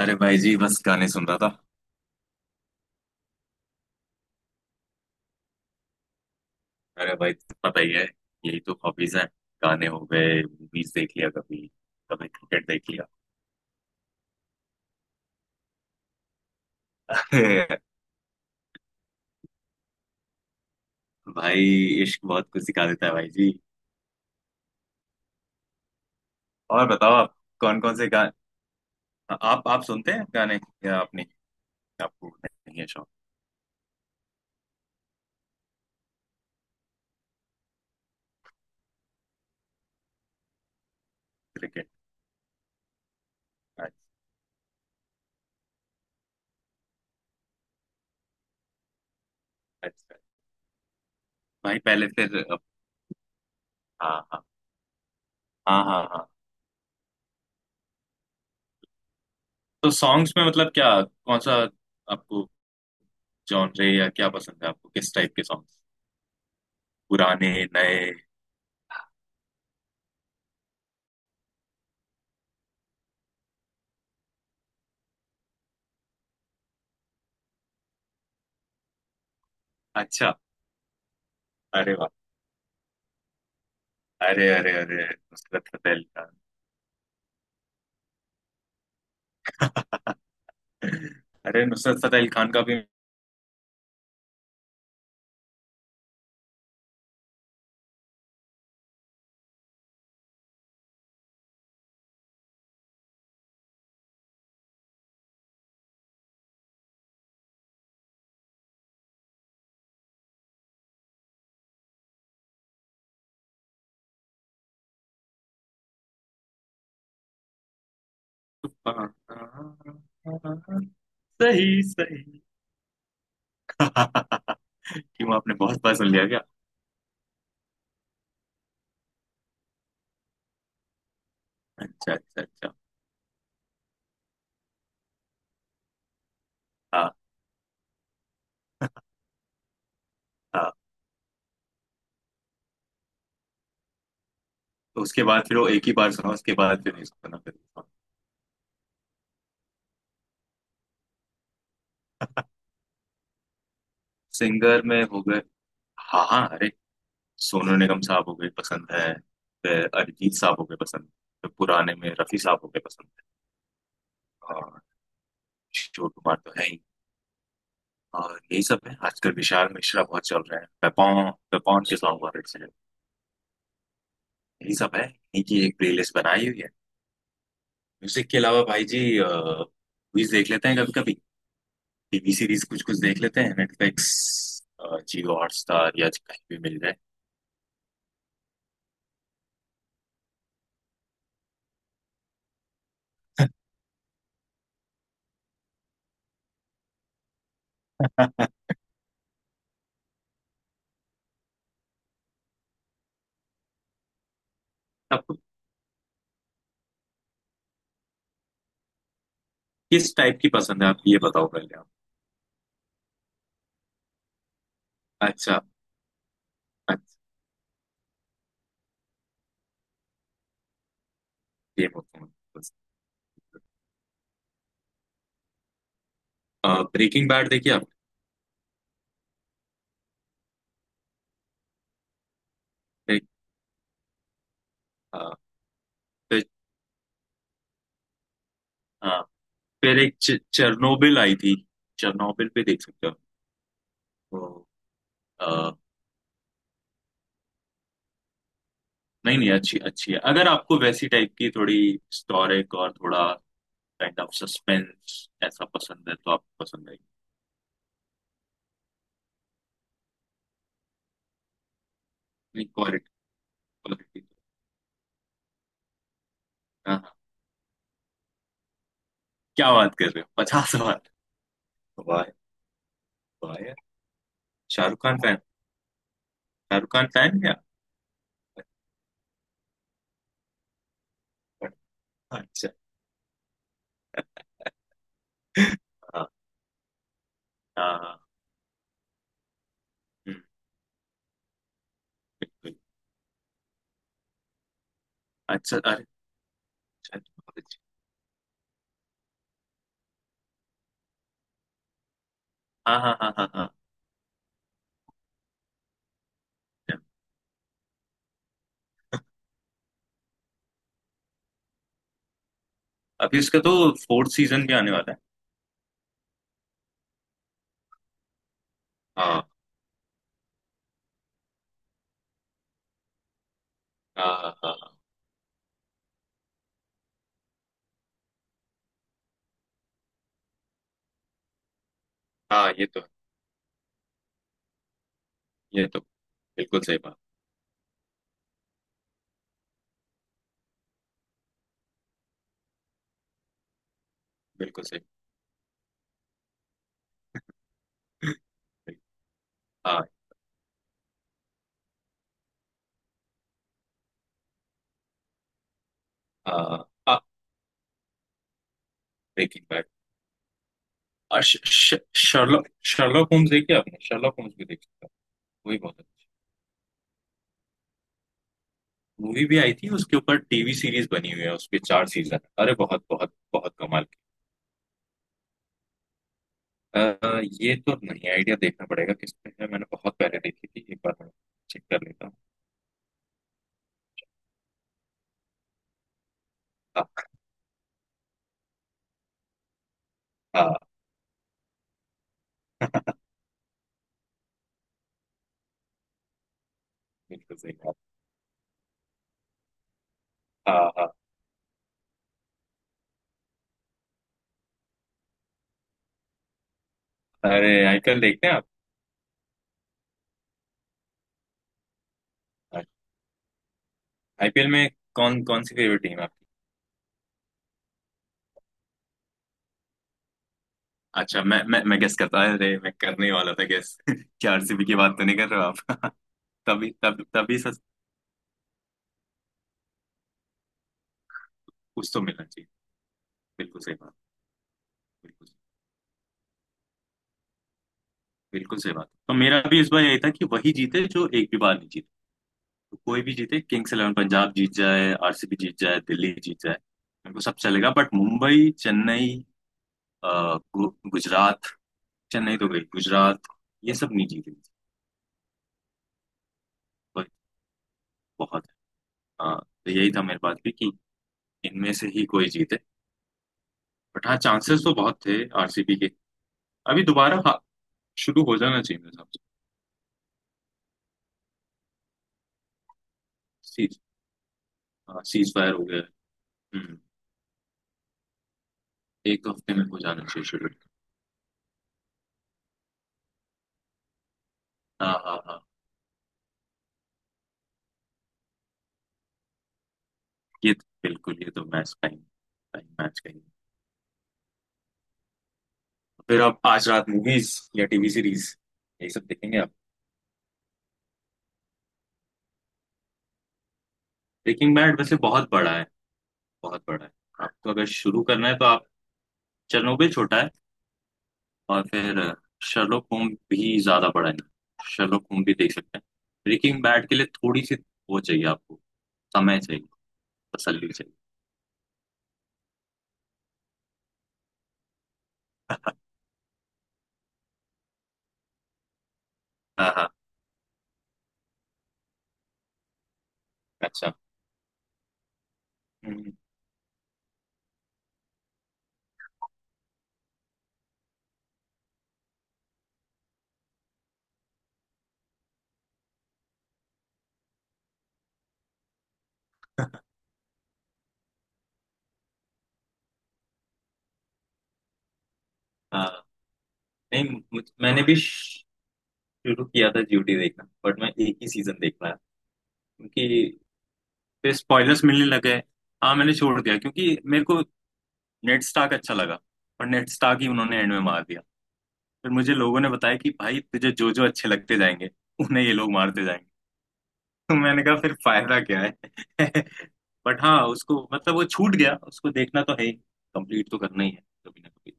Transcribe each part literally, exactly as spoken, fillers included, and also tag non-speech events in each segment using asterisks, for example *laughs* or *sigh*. अरे भाई जी, बस गाने सुन रहा था। अरे भाई, पता ही है, यही तो हॉबीज हैं। गाने हो गए, मूवीज देख लिया कभी। कभी क्रिकेट देख लिया। *laughs* भाई इश्क बहुत कुछ सिखा देता है भाई जी। और बताओ आप, कौन कौन से गाने आप आप सुनते हैं गाने, या आप नहीं? आपको नहीं है शौक? क्रिकेट। अच्छा। अच्छा भाई, पहले फिर। हाँ हाँ हाँ हाँ हाँ। तो सॉन्ग्स में मतलब क्या कौन सा? आपको जॉनरे या क्या पसंद है, आपको किस टाइप के सॉन्ग्स, पुराने, नए? अच्छा। अरे वाह। अरे अरे अरे। नुसरत फतेह अली खान। अरे, नुसरत फतेह अली खान का भी? सही सही। क्यों, आपने बहुत बार सुन लिया क्या? अच्छा अच्छा अच्छा। हाँ हाँ। तो उसके बाद फिर वो एक ही बार सुना, उसके बाद फिर नहीं सुना फिर? सिंगर में हो गए, हाँ हाँ, अरे, सोनू निगम साहब हो गए पसंद है, फिर अरिजीत साहब हो गए पसंद, फिर पुराने में रफी साहब हो गए पसंद है, और किशोर कुमार तो है ही। और यही सब है, आजकल विशाल मिश्रा बहुत चल रहा है, पेपॉन, पेपॉन के सॉन्ग बहुत अच्छे हैं। यही सब है, इन्हीं की एक प्लेलिस्ट बनाई हुई है। म्यूजिक के अलावा भाई जी मूवीज देख लेते हैं कभी कभी, टीवी सीरीज कुछ कुछ देख लेते हैं, नेटफ्लिक्स, जियो हॉटस्टार या कहीं भी मिल जाए। *laughs* आपको किस टाइप की पसंद है? आप ये बताओ पहले आप। अच्छा। अच्छा। Game of Thrones. Breaking Bad देखिए आपने? एक, अ, फिर, हाँ, फिर एक चेरनोबिल आई थी। चेरनोबिल पे देख सकते हो। नहीं नहीं, अच्छी अच्छी है, अगर आपको वैसी टाइप की थोड़ी हिस्टोरिक और थोड़ा काइंड ऑफ सस्पेंस ऐसा पसंद है तो आपको पसंद आएगी। नहीं, क्वालिटी, क्वालिटी। हाँ हाँ। क्या बात कर रहे हो, पचास बार? वाह। वाह यार। शाहरुख खान फैन? शाहरुख खान फैन क्या? अच्छा। हाँ। हाँ हाँ, हम्म, बिल्कुल। अच्छा, अरे। अच्छा, बहुत अच्छी। हाँ हाँ हाँ हाँ हाँ। yeah। अभी उसका तो फोर्थ सीजन भी आने वाला है। हाँ हाँ। हाँ हाँ हाँ, ये तो है, ये तो। बिल्कुल सही बात। बिल्कुल सही। हाँ। आ, आ, ब्रेकिंग बैड। और श- श- शर्लॉक शर्लॉक होम्स देखिए आपने? शर्लॉक होम्स भी देखी था, वही बहुत अच्छी। मूवी भी आई थी, उसके ऊपर टीवी सीरीज बनी हुई है, उसके चार सीजन, अरे बहुत बहुत बहुत कमाल की। आ, ये तो नहीं आइडिया, देखना पड़ेगा किस पे है, मैंने बहुत पहले देखी थी एक बार, मैं चेक कर लेता हूँ। हाँ। हाँ। *laughs* बिल्कुल सही बात। हाँ हाँ। अरे आईपीएल देखते हैं आप? आईपीएल में कौन कौन सी फेवरेट टीम है आपकी? अच्छा, मैं मैं मैं गेस करता, अरे मैं करने ही वाला था गेस। *laughs* क्या आरसीबी की बात तो नहीं कर रहे हो? तभी तभी तभी सच। उसको मिलना चाहिए। बिल्कुल सही बात। बिल्कुल। बिल्कुल सही बात, तो मेरा भी इस बार यही था कि वही जीते जो एक भी बार नहीं जीते। तो कोई भी जीते, किंग्स इलेवन पंजाब जीत जाए, आरसीबी जीत जाए, दिल्ली जीत जाए, मेरे को सब चलेगा, बट मुंबई, चेन्नई, अ, गु- गुजरात, चेन्नई तो गई गुजरात, ये सब नहीं जीतेंगे। बट बहुत है। हाँ, तो यही था मेरे पास भी, कि इनमें से ही कोई जीते। बट हाँ, चांसेस तो बहुत थे आरसीबी के। अभी दोबारा, हाँ, शुरू हो जाना चाहिए मेरे हिसाब से। सीज। हाँ, सीज फायर हो गया। हम्म। एक हफ्ते में हो जाना चाहिए शुरू। हाँ हाँ हाँ। ये तो- बिल्कुल, ये तो मैच टाइम, टाइम मैच कहीं। फिर आप आज रात मूवीज या टीवी सीरीज, यही सब देखेंगे आप? ब्रेकिंग बैड वैसे बहुत बड़ा है, बहुत बड़ा है। आपको अगर शुरू करना है तो आप, चेरनोबिल छोटा है, और फिर शर्लोक होम भी ज्यादा बड़ा है ना, शर्लोक होम भी देख सकते हैं। ब्रेकिंग बैड के लिए थोड़ी सी वो चाहिए आपको, समय चाहिए, तसल्ली चाहिए। हाँ हाँ। अच्छा। हम्म। हाँ नहीं, मुझ- मैंने भी शुरू किया था ड्यूटी देखना, बट मैं एक ही सीजन देख पाया। क्योंकि फिर स्पॉयलर्स मिलने लगे। हाँ, मैंने छोड़ दिया क्योंकि मेरे को नेड स्टार्क अच्छा लगा, और नेड स्टार्क ही उन्होंने एंड में मार दिया। फिर मुझे लोगों ने बताया कि भाई, तुझे जो जो अच्छे लगते जाएंगे, उन्हें ये लोग मारते जाएंगे। तो मैंने कहा, फिर फायदा क्या है? *laughs* बट हाँ उसको, मतलब वो छूट गया, उसको देखना तो है ही, कंप्लीट तो करना ही है कभी ना कभी।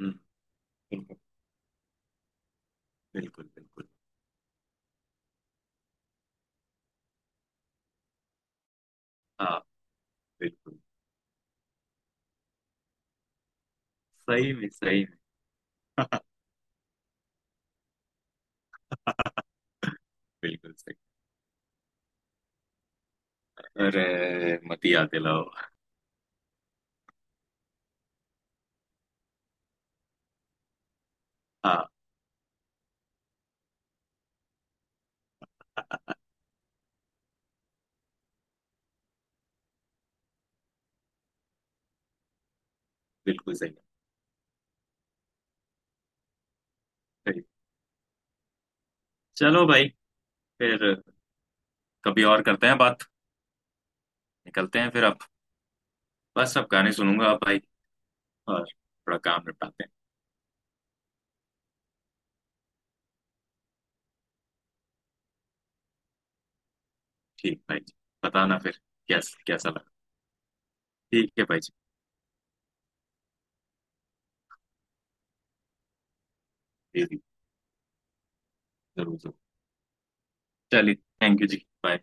हम्म, बिल्कुल बिल्कुल बिल्कुल। हाँ, बिल्कुल। सही में, सही में। *laughs* बिल्कुल सही। अरे मत ही याद दिलाओ। हाँ। *laughs* बिल्कुल सही। सही। चलो भाई, फिर कभी और करते हैं बात, निकलते हैं फिर अब। बस अब गाने सुनूंगा अब भाई, और थोड़ा काम निपटाते हैं। ठीक भाई जी। बताना फिर कैसा कैसा लगा। ठीक है भाई जी। जी जी, जरूर जरूर। चलिए। थैंक यू जी, बाय।